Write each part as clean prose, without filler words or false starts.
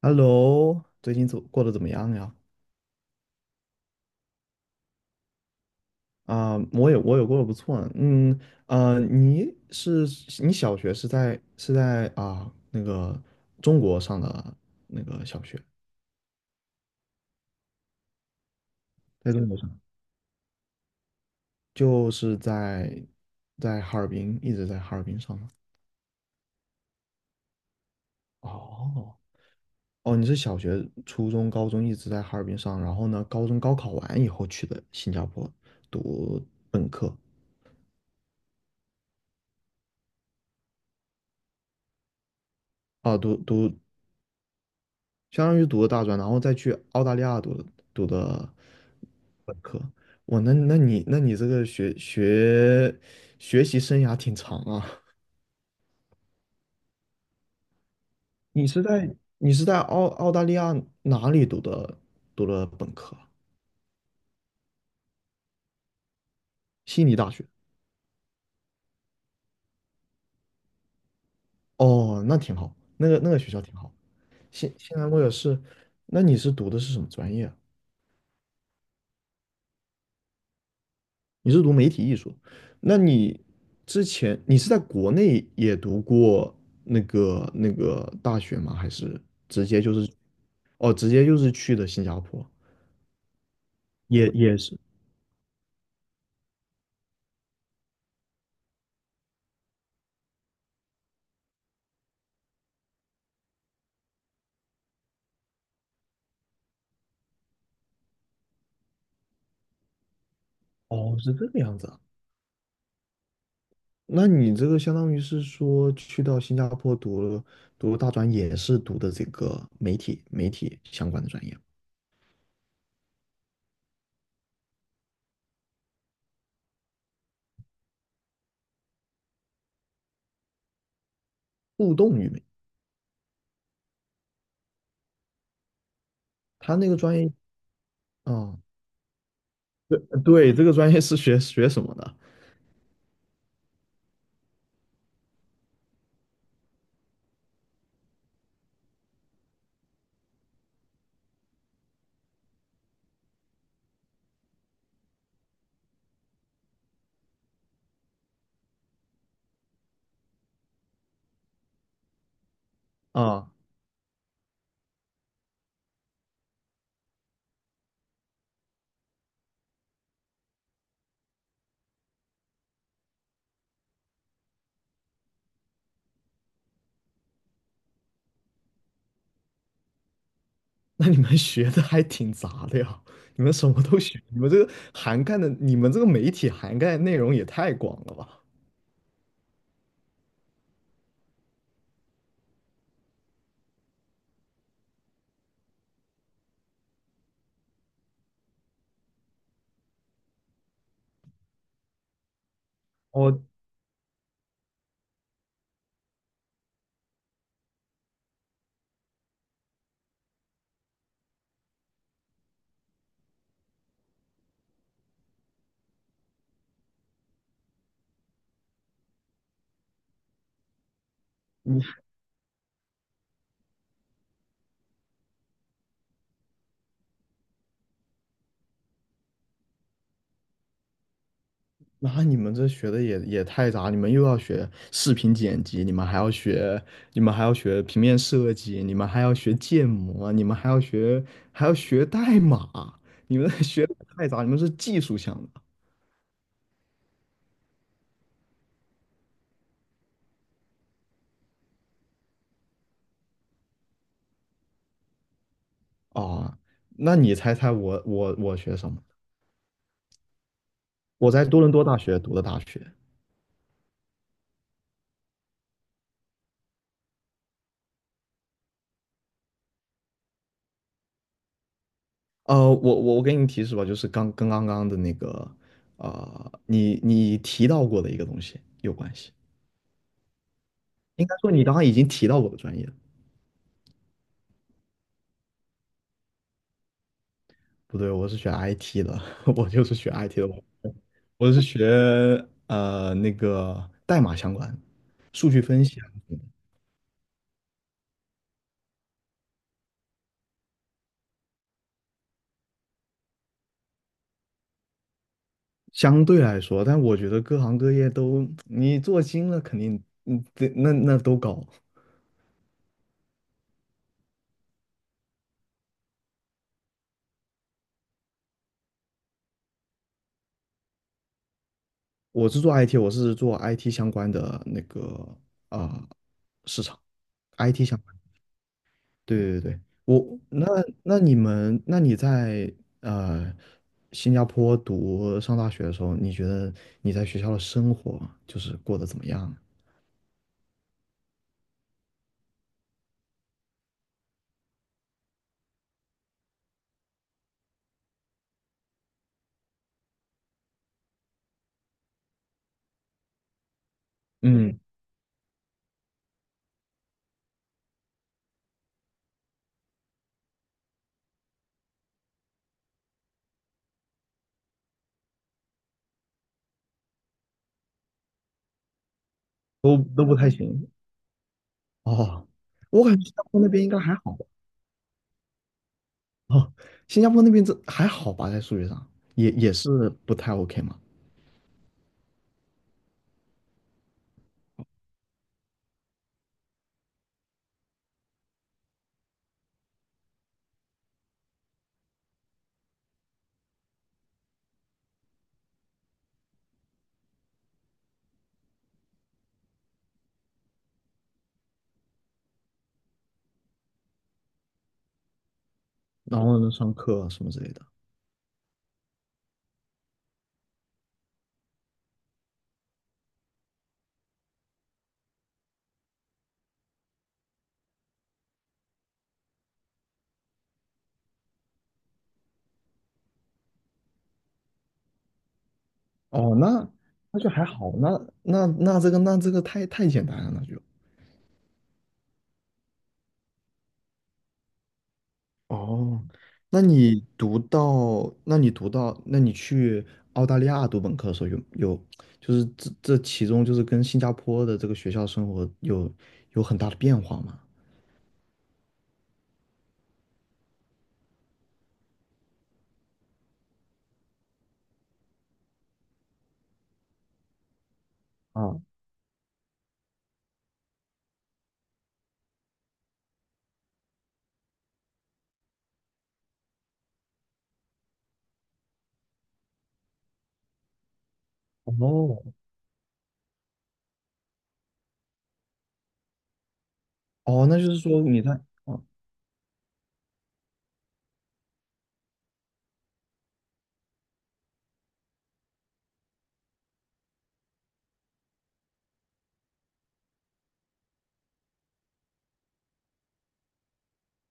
Hello,最近怎过得怎么样呀？我也过得不错呢你是你小学是在中国上的那个小学，在中国上就是在在哈尔滨一直在哈尔滨上的。哦，哦，你是小学、初中、高中一直在哈尔滨上，然后呢，高中高考完以后去的新加坡读本科啊，相当于读的大专，然后再去澳大利亚读的本科。哇，那你这个学习生涯挺长啊。你是在澳大利亚哪里读的本科啊，悉尼大学。哦，那挺好，那个学校挺好。现在我也是，那你是读的是什么专业啊？你是读媒体艺术，那你之前你是在国内也读过那个大学吗？还是直接就是，哦，直接就是去的新加坡？也也是，哦，是这个样子啊。那你这个相当于是说去到新加坡读了大专，也是读的这个媒体相关的专业，互动与媒。他那个专业啊，对对，这个专业是什么的啊？那你们学的还挺杂的呀，你们什么都学，你们这个涵盖的，你们这个媒体涵盖的内容也太广了吧？哦，那你们这学的也也太杂，你们又要学视频剪辑，你们还要学，你们还要学平面设计，你们还要学建模，你们还要学还要学代码，你们 学的太杂，你们是技术项的啊？那你猜猜我学什么？我在多伦多大学读的大学。我给你提示吧，就是刚刚的那个，你提到过的一个东西有关系。应该说你刚刚已经提到过的专业了，不对，我是学 IT 的，我就是学 IT 的，我是学那个代码相关，数据分析啊什么的。相对来说，但我觉得各行各业都你做精了，肯定嗯，对那都高。我是做 IT,我是做 IT 相关的那个啊、呃市场，IT 相。对对对，我那那你在呃新加坡读上大学的时候，你觉得你在学校的生活就是过得怎么样？嗯，都都不太行。哦，我感觉新加坡那边应该还好吧？哦，新加坡那边这还好吧，在数学上也也是不太 OK 嘛。然后呢，上课什么之类的。哦，那就还好，那这个太简单了，那就。哦，那你去澳大利亚读本科的时候就是这这其中就是跟新加坡的这个学校生活有很大的变化吗？啊，哦，哦，那就是说你在，哦，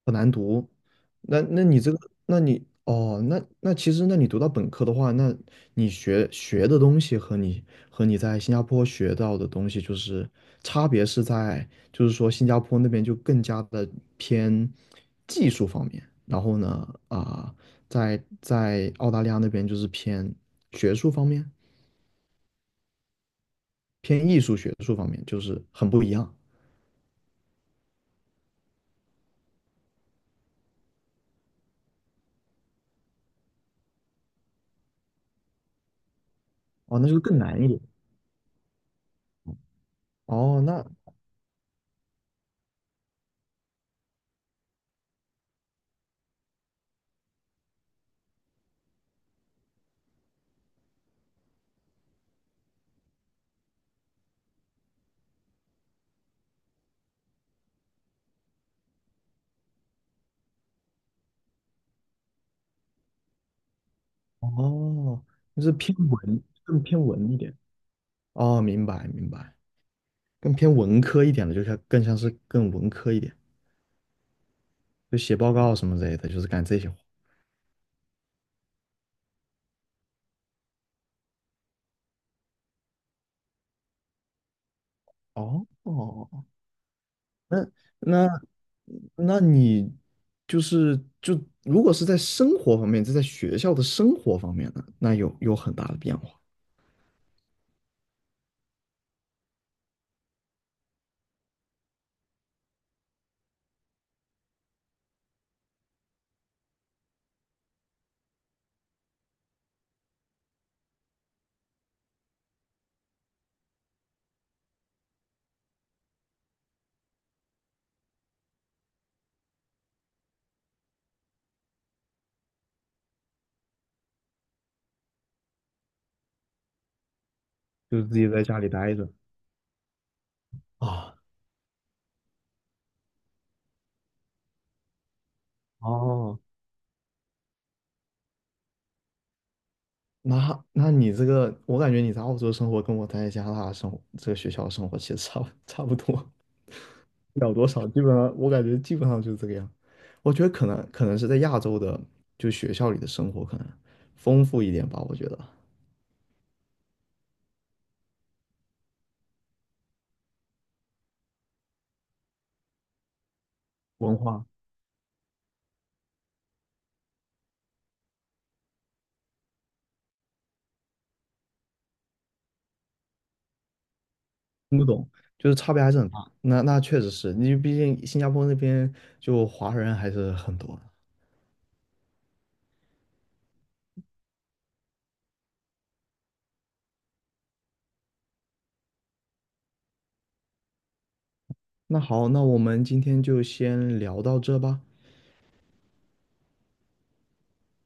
很难读。那那你这个，那你哦，那那其实，那你读到本科的话，那你学的东西和你在新加坡学到的东西，就是差别是在，就是说新加坡那边就更加的偏技术方面，然后呢，在澳大利亚那边就是偏学术方面，偏艺术学术方面，就是很不一样。哦，那就更难一点。哦，那哦，就是偏文，更偏文一点。哦，明白明白，更偏文科一点的，就像更像是更文科一点，就写报告什么之类的，就是干这些活。哦哦，那那那你就是如果是在生活方面，就在学校的生活方面呢，那有有很大的变化，就是自己在家里待着啊。哦，那那你这个，我感觉你在澳洲生活跟我在加拿大生活，这个学校生活其实差不多。秒多少，基本上我感觉基本上就是这个样。我觉得可能是在亚洲的，就学校里的生活可能丰富一点吧，我觉得文化听不懂，就是差别还是很大。那那确实是，你毕竟新加坡那边就华人还是很多的，那好，那我们今天就先聊到这吧。